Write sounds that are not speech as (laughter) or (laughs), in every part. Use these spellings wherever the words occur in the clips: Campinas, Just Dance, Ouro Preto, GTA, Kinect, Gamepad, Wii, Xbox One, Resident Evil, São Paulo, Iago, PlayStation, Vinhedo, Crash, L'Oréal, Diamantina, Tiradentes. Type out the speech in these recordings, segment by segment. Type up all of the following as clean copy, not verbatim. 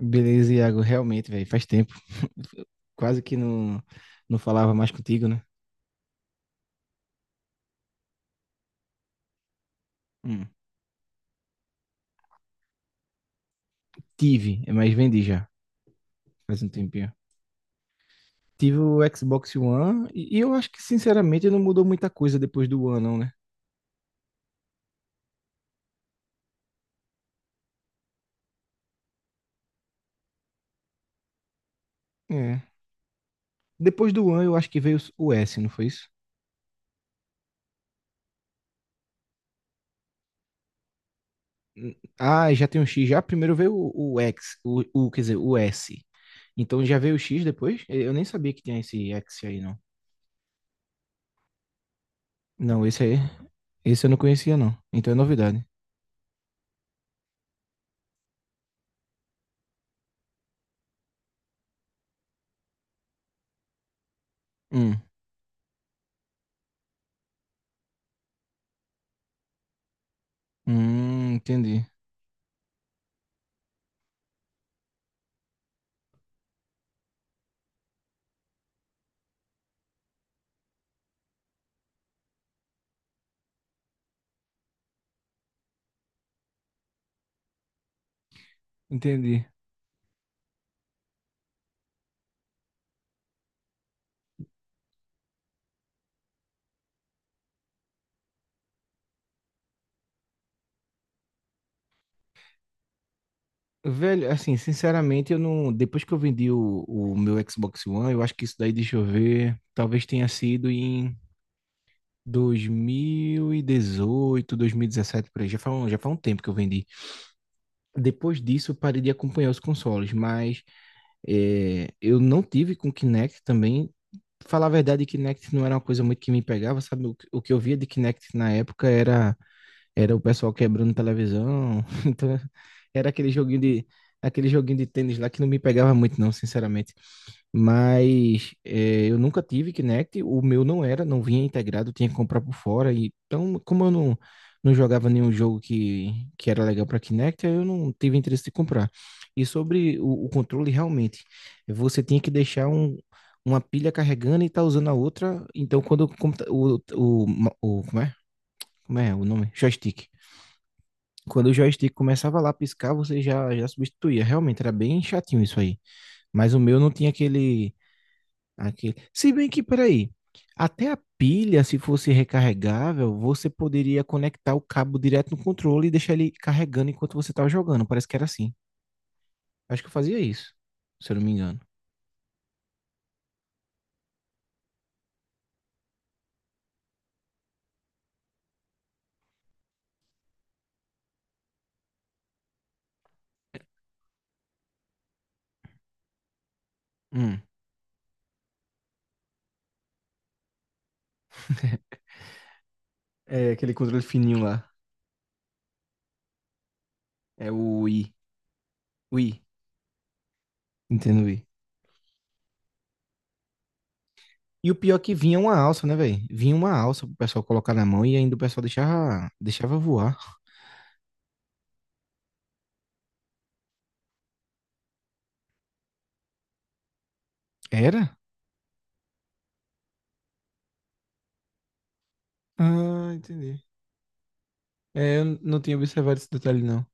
Beleza, Iago, realmente, velho, faz tempo. (laughs) Quase que não, não falava mais contigo, né? Hum. Tive, é, mas vendi já, faz um tempinho. Tive o Xbox One e eu acho que, sinceramente, não mudou muita coisa depois do One, não, né? É. Depois do One, eu acho que veio o S, não foi isso? Hum. Ah, já tem um X já. Primeiro veio o X, quer dizer, o S. Então já veio o X depois? Eu nem sabia que tinha esse X aí, não. Não, esse eu não conhecia, não. Então é novidade. Hum, entendi. Entendi. Velho, assim, sinceramente, eu não. Depois que eu vendi o meu Xbox One, eu acho que isso daí, deixa eu ver, talvez tenha sido em 2018, 2017, por aí. Já faz um tempo que eu vendi. Depois disso, eu parei de acompanhar os consoles, mas é, eu não tive com Kinect também. Falar a verdade, Kinect não era uma coisa muito que me pegava, sabe? O que eu via de Kinect na época era era o pessoal quebrando televisão. (laughs) Então, era aquele joguinho de tênis lá que não me pegava muito, não, sinceramente. Mas eu nunca tive Kinect, o meu não era, não vinha integrado, tinha que comprar por fora. E então, como eu não, não jogava nenhum jogo que era legal para Kinect, aí eu não tive interesse de comprar. E sobre o controle, realmente, você tinha que deixar um, uma pilha carregando e tá usando a outra. Então, quando o, computa- o como é? Como é o nome? Joystick. Quando o joystick começava lá a piscar, você já substituía. Realmente era bem chatinho isso aí. Mas o meu não tinha aquele. Se bem que, peraí, até a pilha, se fosse recarregável, você poderia conectar o cabo direto no controle e deixar ele carregando enquanto você estava jogando. Parece que era assim. Acho que eu fazia isso, se eu não me engano. Hum. (laughs) É aquele controle fininho lá. É o Wii. Wii. I. Entendo, Wii. E o pior é que vinha uma alça, né, velho? Vinha uma alça pro pessoal colocar na mão e ainda o pessoal deixava, deixava voar. Era? Ah, entendi. É, eu não tinha observado esse detalhe, não.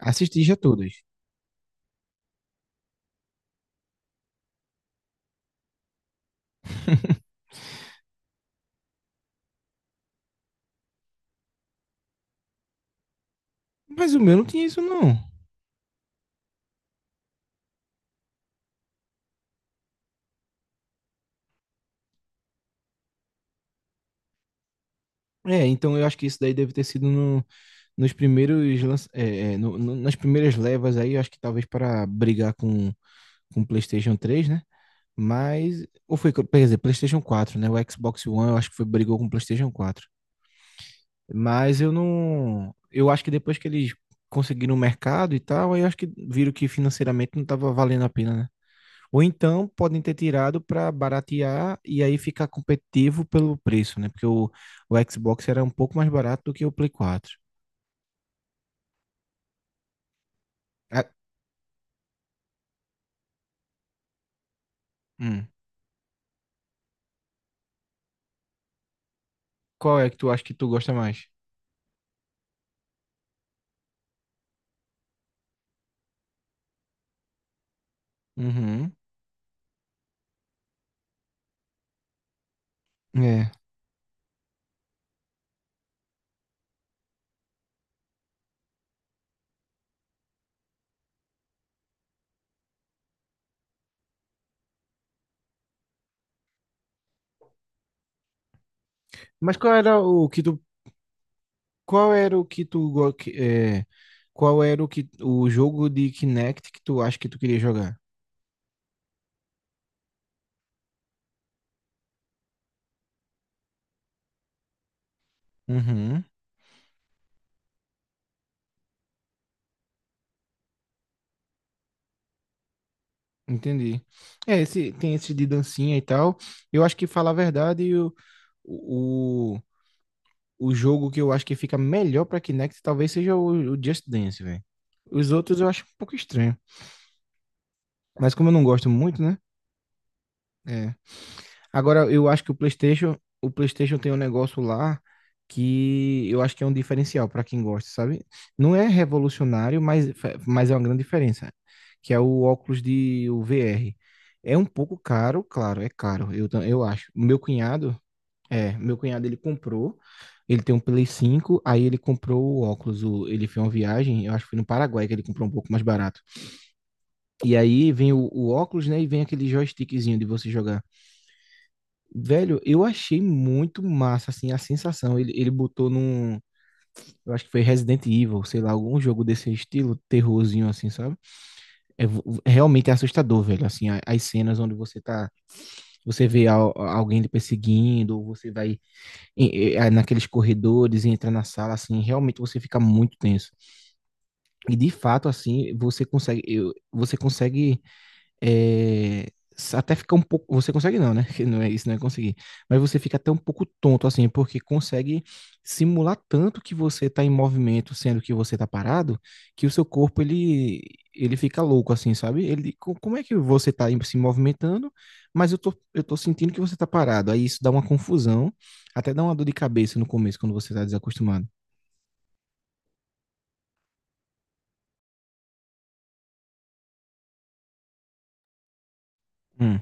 Assisti já todas. (laughs) Mas o meu não tinha isso, não. É, então eu acho que isso daí deve ter sido nos primeiros, nas primeiras levas aí, eu acho que talvez para brigar com o PlayStation três, né? Mas, ou foi, quer dizer, PlayStation quatro, né? O Xbox One, eu acho que foi, brigou com o PlayStation quatro. Mas eu não, eu acho que depois que eles conseguiram o mercado e tal, aí eu acho que viram que financeiramente não estava valendo a pena, né? Ou então podem ter tirado para baratear e aí ficar competitivo pelo preço, né? Porque o Xbox era um pouco mais barato do que o Play 4. Ah, hum. Qual é que tu acha que tu gosta mais? Uhum. É. Mas qual era o que tu, qual era o que tu, go- que- é, qual era o que o jogo de Kinect que tu acha que tu queria jogar? Uhum. Entendi. É, esse tem esse de dancinha e tal. Eu acho que falar a verdade, o o jogo que eu acho que fica melhor pra Kinect talvez seja o Just Dance, velho. Os outros eu acho um pouco estranho. Mas como eu não gosto muito, né? É. Agora, eu acho que o PlayStation tem um negócio lá que eu acho que é um diferencial pra quem gosta, sabe? Não é revolucionário, mas é uma grande diferença, que é o óculos de o VR. É um pouco caro, claro, é caro, eu acho. É, meu cunhado ele comprou, ele tem um Play 5, aí ele comprou o óculos, ele fez uma viagem, eu acho que foi no Paraguai que ele comprou um pouco mais barato. E aí vem o óculos, né, e vem aquele joystickzinho de você jogar. Velho, eu achei muito massa, assim, a sensação. Ele botou num, eu acho que foi Resident Evil, sei lá, algum jogo desse estilo, terrorzinho assim, sabe? É realmente é assustador, velho, assim, as cenas onde você tá, você vê alguém lhe perseguindo, ou você vai naqueles corredores e entra na sala, assim, realmente você fica muito tenso. E de fato, assim, você consegue é, até fica um pouco. Você consegue não, né? (laughs) Que não é isso, não é conseguir. Mas você fica até um pouco tonto, assim, porque consegue simular tanto que você está em movimento, sendo que você está parado, que o seu corpo ele fica louco, assim, sabe? Como é que você está se movimentando, mas eu tô sentindo que você está parado. Aí isso dá uma confusão, até dá uma dor de cabeça no começo quando você está desacostumado. Hum.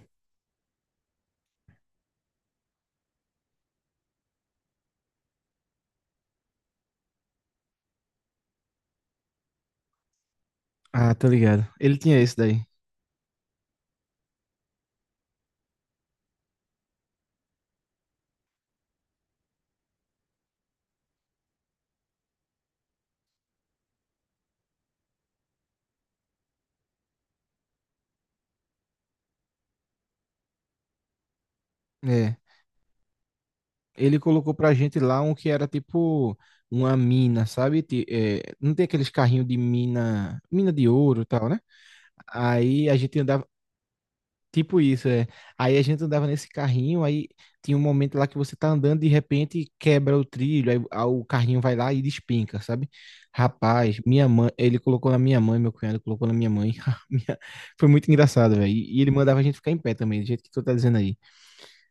Ah, tá ligado. Ele tinha esse daí. É. Ele colocou pra gente lá um que era tipo uma mina, sabe? Não tem aqueles carrinhos de mina, mina de ouro e tal, né? Aí a gente andava, tipo isso, é. Aí a gente andava nesse carrinho, aí tinha um momento lá que você tá andando de repente quebra o trilho, aí, o carrinho vai lá e despenca, sabe? Rapaz, minha mãe, ele colocou na minha mãe, meu cunhado colocou na minha mãe. (laughs) Minha- Foi muito engraçado, velho. E ele mandava a gente ficar em pé também, do jeito que tu tá dizendo aí.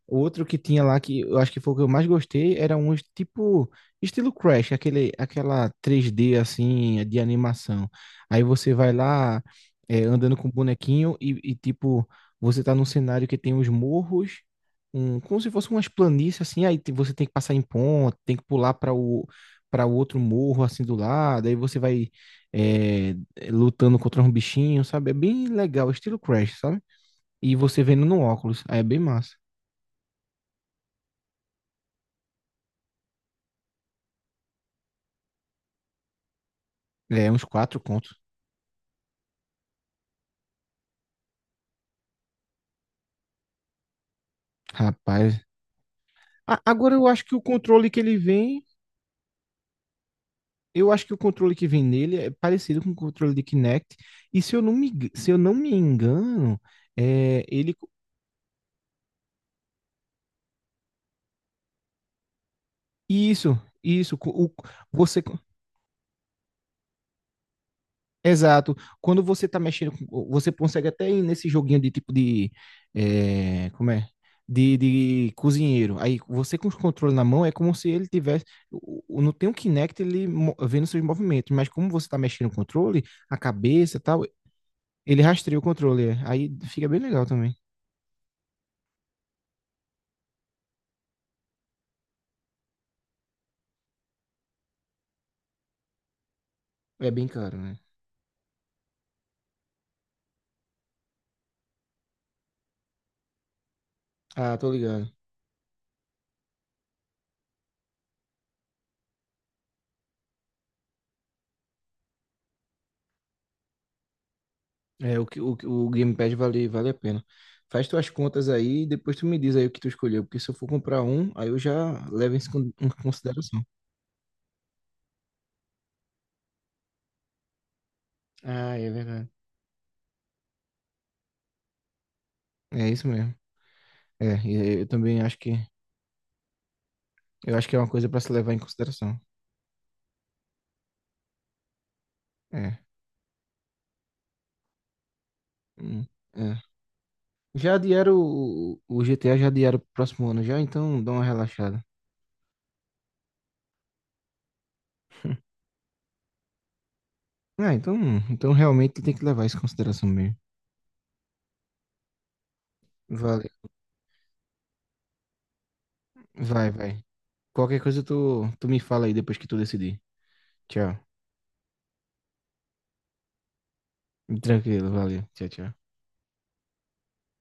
Outro que tinha lá que eu acho que foi o que eu mais gostei era um tipo estilo Crash, aquela 3D assim de animação. Aí você vai lá é, andando com o bonequinho e, tipo você tá num cenário que tem os morros, um, como se fosse umas planícies assim. Aí você tem que passar em ponte, tem que pular para o para o outro morro assim do lado. Aí você vai é, lutando contra um bichinho, sabe? É bem legal, estilo Crash, sabe? E você vendo no óculos, aí é bem massa. É, uns quatro contos. Rapaz. Agora eu acho que o controle que ele vem. Eu acho que o controle que vem nele é parecido com o controle de Kinect. E se eu não me, se eu não me engano, é, ele. Isso, isso. O, você. Exato. Quando você tá mexendo, com- você consegue até ir nesse joguinho de tipo de, como é? De cozinheiro. Aí você com os controles na mão é como se ele tivesse. Não tem um Kinect ele vendo seus movimentos, mas como você tá mexendo o controle, a cabeça e tal, ele rastreia o controle. É. Aí fica bem legal também. É bem caro, né? Ah, tô ligado. É, o Gamepad vale, vale a pena. Faz tuas contas aí e depois tu me diz aí o que tu escolheu, porque se eu for comprar um, aí eu já levo isso em em consideração. Ah, é verdade. É isso mesmo. É, e eu também acho que eu acho que é uma coisa para se levar em consideração. É. Hum, é. Já adiaram o GTA, já adiaram pro próximo ano já, então dá uma relaxada. (laughs) Ah, então realmente tem que levar isso em consideração mesmo. Vale. Vai, vai. Qualquer coisa tu me fala aí depois que tu decidir. Tchau. Tranquilo, valeu. Tchau, tchau.